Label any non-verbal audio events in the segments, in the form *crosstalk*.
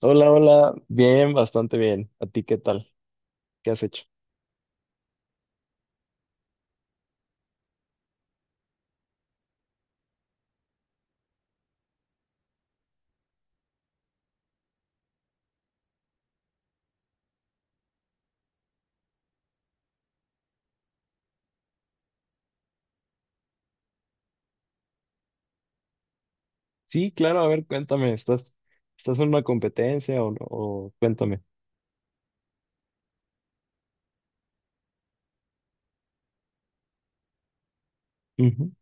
Hola, hola, bien, bastante bien. ¿A ti qué tal? ¿Qué has hecho? Sí, claro, a ver, cuéntame, ¿estás, estás en una competencia o no? O cuéntame. Ujú.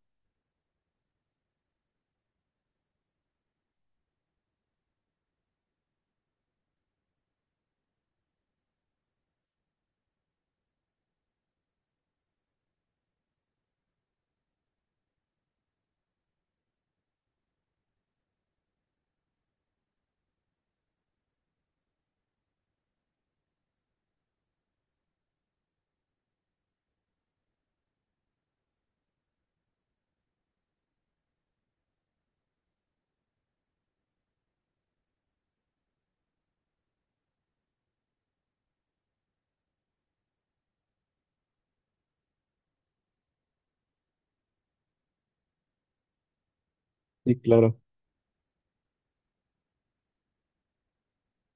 Sí, claro.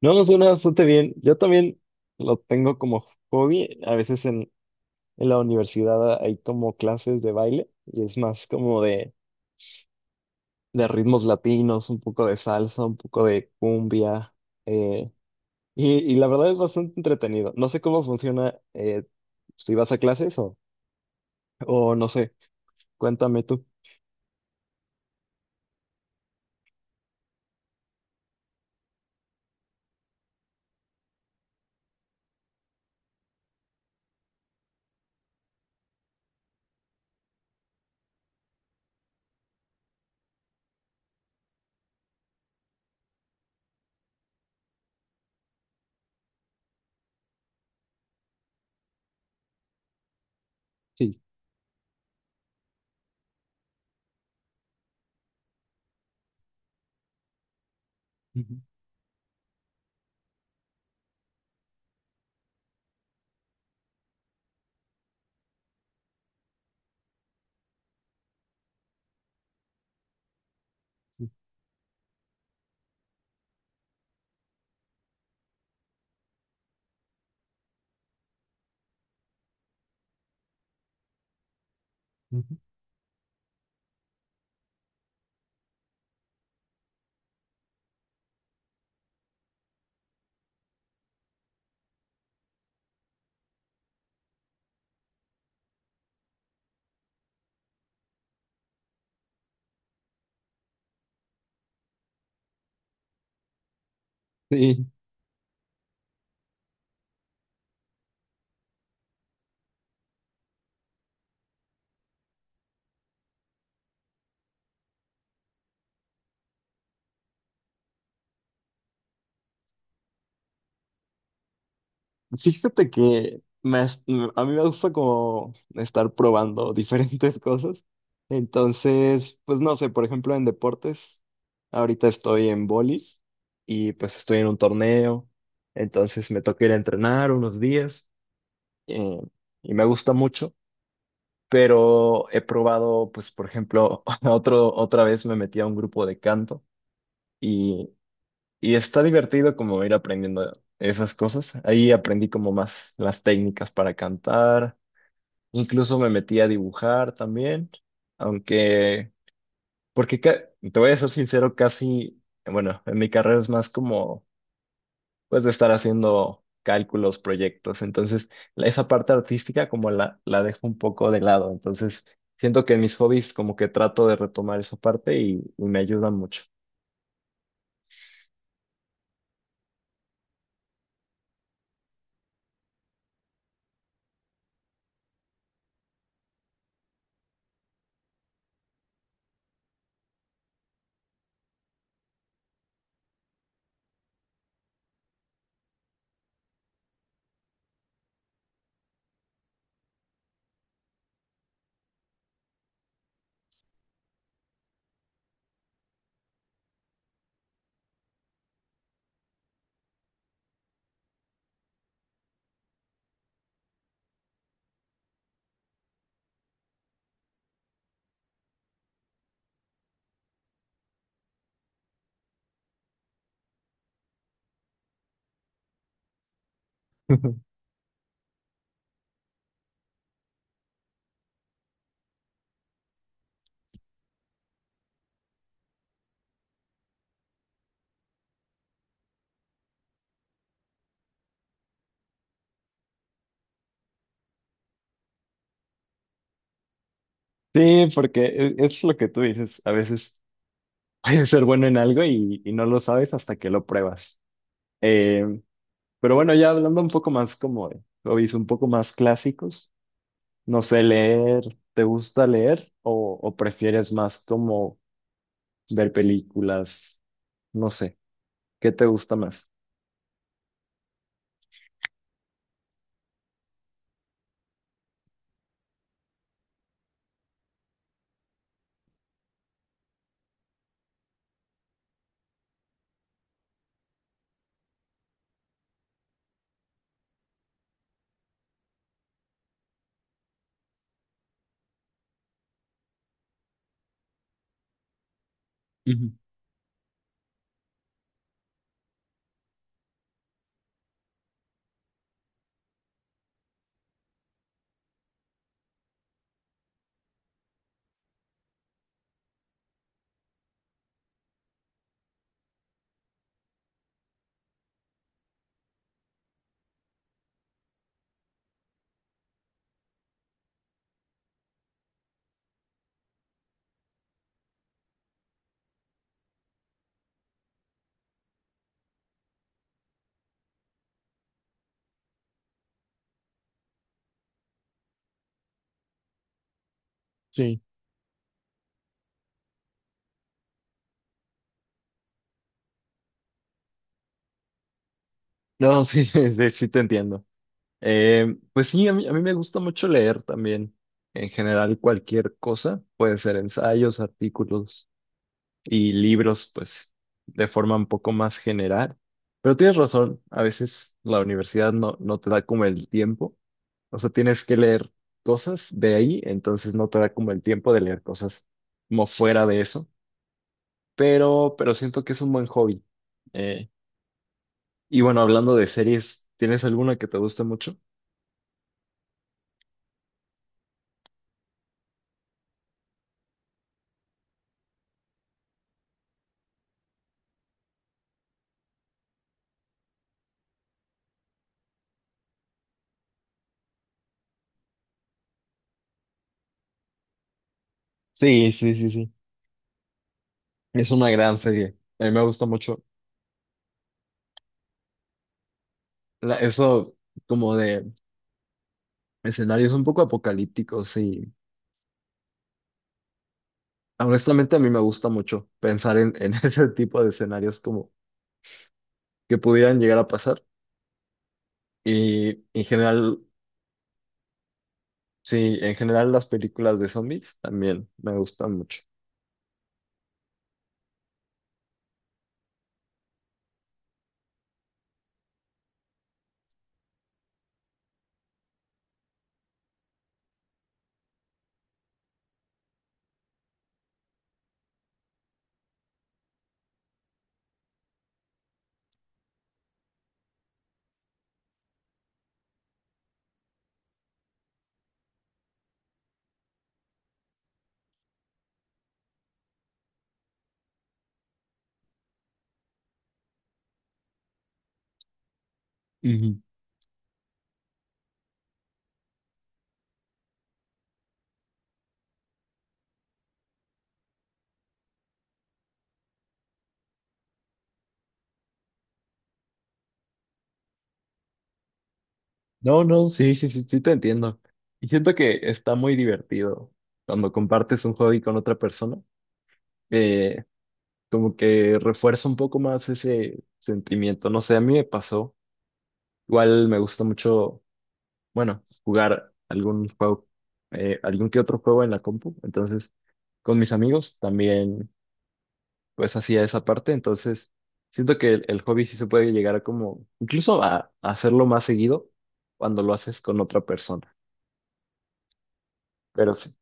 No, suena bastante bien. Yo también lo tengo como hobby. A veces en la universidad hay como clases de baile y es más como de ritmos latinos, un poco de salsa, un poco de cumbia. eh, y la verdad es bastante entretenido. No sé cómo funciona si vas a clases o no sé. Cuéntame tú. Sí. Ujú, ujú. Sí, fíjate que a mí me gusta como estar probando *laughs* diferentes cosas. Entonces, pues no sé, por ejemplo, en deportes, ahorita estoy en bolis y pues estoy en un torneo. Entonces me toca ir a entrenar unos días eh, y me gusta mucho, pero he probado, pues por ejemplo, *laughs* otra vez me metí a un grupo de canto. Y está divertido como ir aprendiendo esas cosas. Ahí aprendí como más las técnicas para cantar. Incluso me metí a dibujar también. Aunque, te voy a ser sincero, casi, bueno, en mi carrera es más como, pues, de estar haciendo cálculos, proyectos. Entonces, esa parte artística como la dejo un poco de lado. Entonces, siento que en mis hobbies como que trato de retomar esa parte y me ayuda mucho. *laughs* Sí, porque es lo que tú dices. A veces puedes ser bueno en algo y no lo sabes hasta que lo pruebas. Eh, pero bueno, ya hablando un poco más como de hobbies, un poco más clásicos, no sé, leer, ¿te gusta leer o prefieres más como ver películas? No sé, ¿qué te gusta más? Ujú. Sí. No, *laughs* sí, sí, sí te entiendo. Pues sí, a mí me gusta mucho leer también. En general, cualquier cosa, puede ser ensayos, artículos y libros, pues, de forma un poco más general. Pero tienes razón, a veces la universidad no, no te da como el tiempo, o sea, tienes que leer cosas de ahí, entonces no te da como el tiempo de leer cosas como fuera de eso, pero siento que es un buen hobby. Eh, y bueno, hablando de series, ¿tienes alguna que te guste mucho? Sí, sí, sí, sí. Es una gran serie. A mí me gusta mucho eso como de escenarios un poco apocalípticos y honestamente, a mí me gusta mucho pensar en *laughs* ese tipo de escenarios como que pudieran llegar a pasar. Y en general, sí, en general las películas de zombies también me gustan mucho. Ujú. No, no, sí, sí, sí, sí te entiendo. Y siento que está muy divertido cuando compartes un hobby con otra persona. eh, Como que refuerza un poco más ese sentimiento. No sé, a mí me pasó. Igual me gusta mucho. Bueno, jugar algún juego, algún que otro juego en la compu. Entonces, con mis amigos también, pues hacía esa parte. Entonces, siento que el hobby sí se puede llegar a como, incluso a hacerlo más seguido cuando lo haces con otra persona. Pero sí.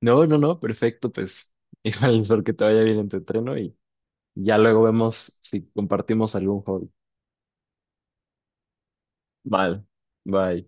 No, no, no, perfecto, pues *laughs* igual espero que te vaya bien en tu entreno y ya luego vemos si compartimos algún hobby. Vale, bye.